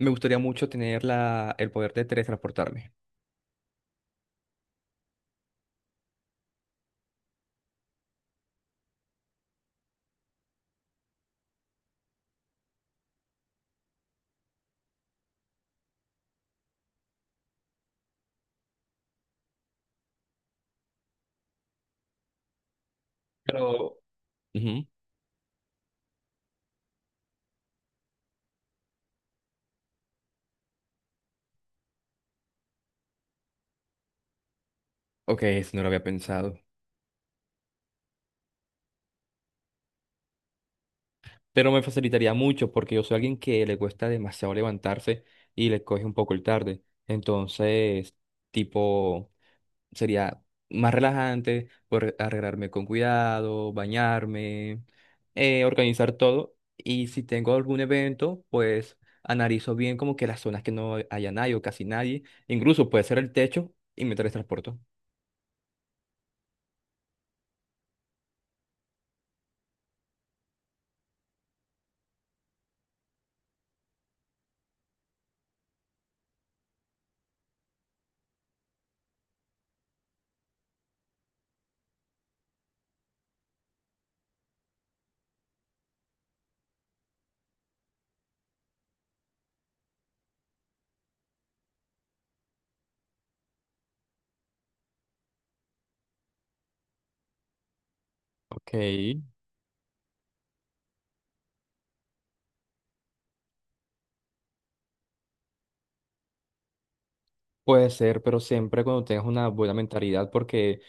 Me gustaría mucho tener el poder de teletransportarme. Pero... Ujú. Ok, eso no lo había pensado. Pero me facilitaría mucho porque yo soy alguien que le cuesta demasiado levantarse y le coge un poco el tarde. Entonces, tipo, sería más relajante, poder arreglarme con cuidado, bañarme, organizar todo. Y si tengo algún evento, pues analizo bien como que las zonas que no haya nadie o casi nadie. Incluso puede ser el techo y me teletransporto. Ok, puede ser, pero siempre cuando tengas una buena mentalidad, porque,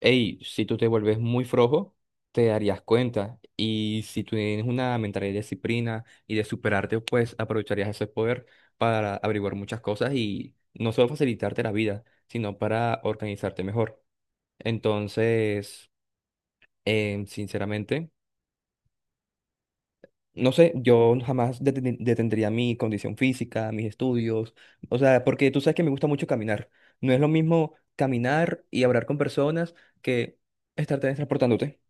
hey, si tú te vuelves muy flojo, te darías cuenta. Y si tú tienes una mentalidad de disciplina y de superarte, pues aprovecharías ese poder para averiguar muchas cosas y no solo facilitarte la vida, sino para organizarte mejor. Entonces, sinceramente. No sé, yo jamás detendría mi condición física, mis estudios, o sea, porque tú sabes que me gusta mucho caminar. No es lo mismo caminar y hablar con personas que estar transportándote.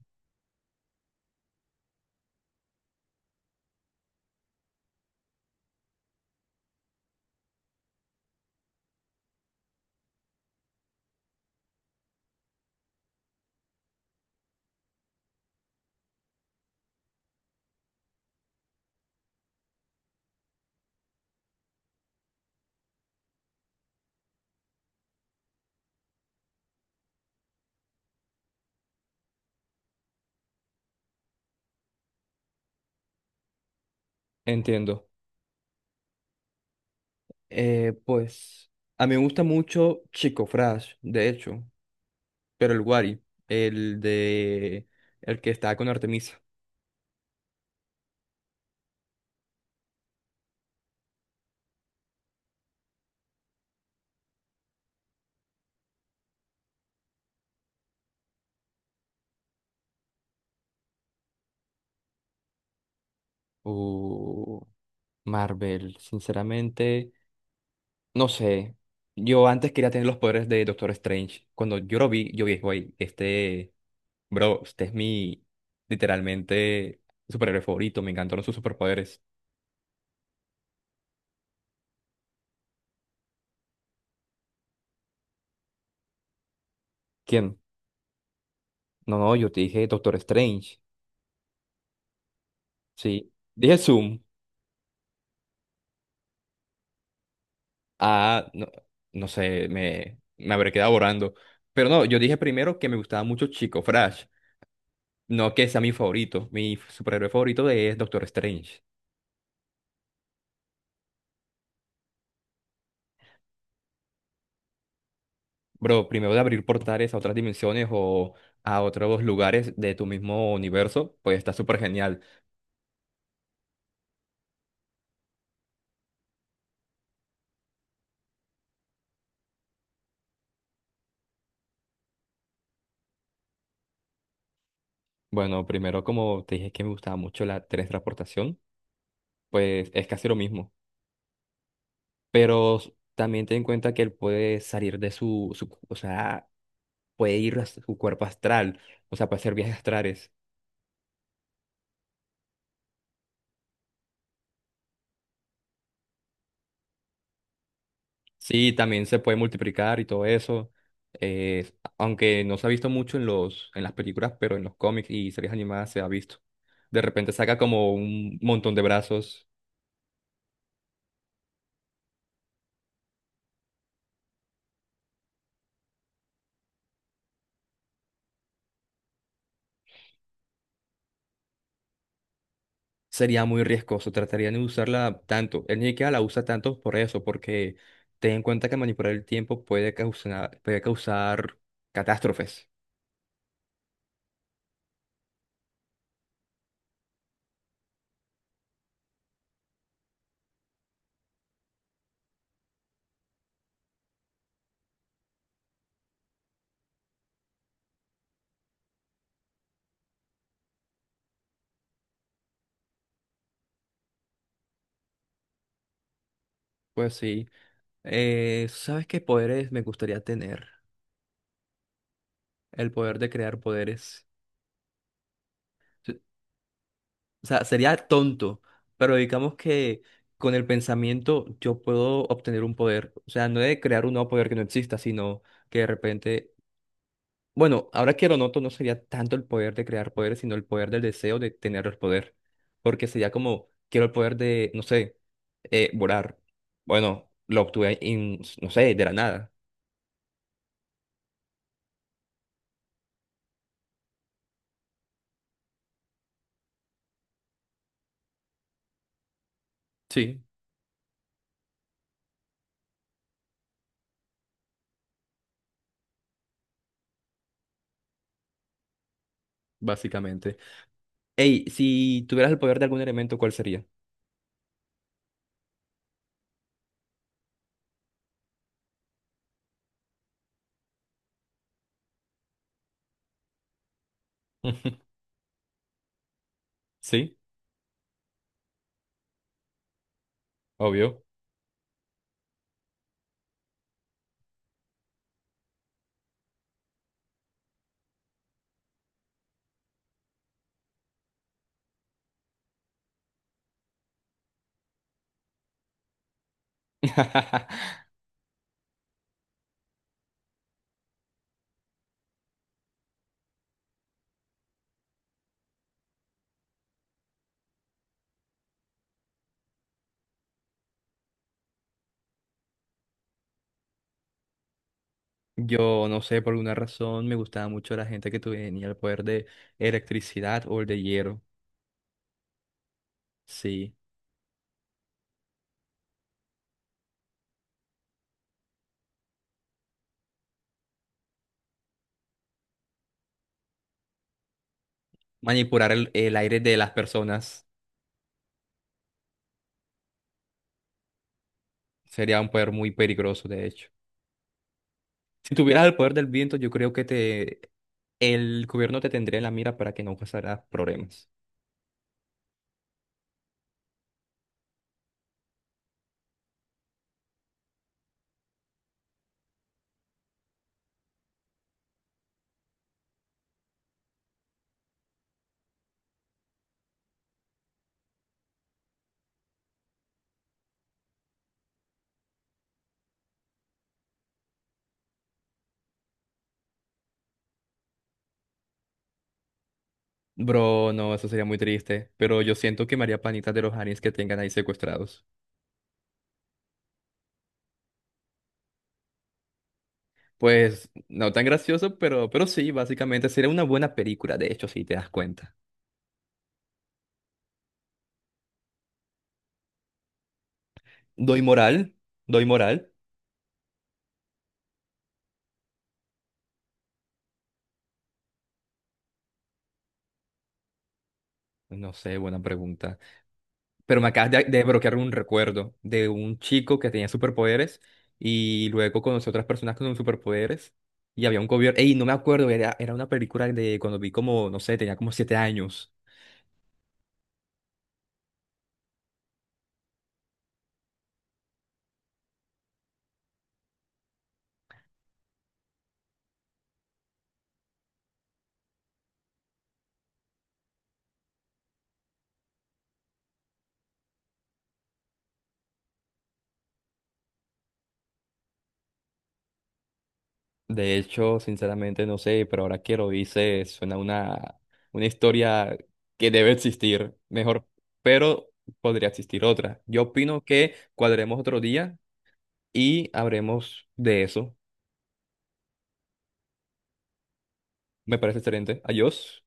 Entiendo. Pues a mí me gusta mucho Chico Flash, de hecho, pero el Wari, el de el que está con Artemisa. Uh, Marvel, sinceramente. No sé, yo antes quería tener los poderes de Doctor Strange. Cuando yo lo vi, yo dije güey, este, bro, este es mi, literalmente, superhéroe favorito. Me encantaron sus superpoderes. ¿Quién? No, no, yo te dije Doctor Strange, sí. Dije Zoom, ah, no, no sé, me habré quedado borrando. Pero no, yo dije primero que me gustaba mucho Chico Flash, no que sea mi favorito. Mi superhéroe favorito es Doctor Strange. Bro, primero de abrir portales a otras dimensiones o a otros lugares de tu mismo universo, pues está súper genial. Bueno, primero como te dije que me gustaba mucho la teletransportación, pues es casi lo mismo. Pero también ten en cuenta que él puede salir de o sea, puede ir a su cuerpo astral, o sea, puede hacer viajes astrales. Sí, también se puede multiplicar y todo eso. eh, Aunque no se ha visto mucho en en las películas, pero en los cómics y series animadas se ha visto. De repente saca como un montón de brazos. Sería muy riesgoso. Trataría de no usarla tanto. Él ni siquiera la usa tanto por eso, porque ten en cuenta que manipular el tiempo puede causar catástrofes. Pues sí. ¿Sabes qué poderes me gustaría tener? El poder de crear poderes. O sea, sería tonto, pero digamos que con el pensamiento yo puedo obtener un poder. O sea, no de crear un nuevo poder que no exista, sino que de repente, bueno, ahora que lo noto, no sería tanto el poder de crear poderes, sino el poder del deseo de tener el poder. Porque sería como, quiero el poder de, no sé, volar. Bueno, lo obtuve, en, no sé, de la nada. Sí, básicamente. Ey, si tuvieras el poder de algún elemento, ¿cuál sería? Sí, obvio. Yo no sé, por alguna razón me gustaba mucho la gente que tenía el poder de electricidad o el de hielo. Sí. Manipular el aire de las personas sería un poder muy peligroso, de hecho. Si tuvieras el poder del viento, yo creo que te el gobierno te tendría en la mira para que no causara problemas. Bro, no, eso sería muy triste, pero yo siento que me haría panitas de los aliens que tengan ahí secuestrados. Pues no tan gracioso, pero sí, básicamente sería una buena película, de hecho, si te das cuenta. Doy moral, doy moral. No sé, buena pregunta. Pero me acabas de desbloquear un recuerdo de un chico que tenía superpoderes y luego conocí otras personas con superpoderes y había un gobierno. Ey, no me acuerdo, era una película de cuando vi como, no sé, tenía como 7 años. De hecho, sinceramente no sé, pero ahora que lo hice suena una historia que debe existir, mejor, pero podría existir otra. Yo opino que cuadremos otro día y habremos de eso. Me parece excelente. Adiós.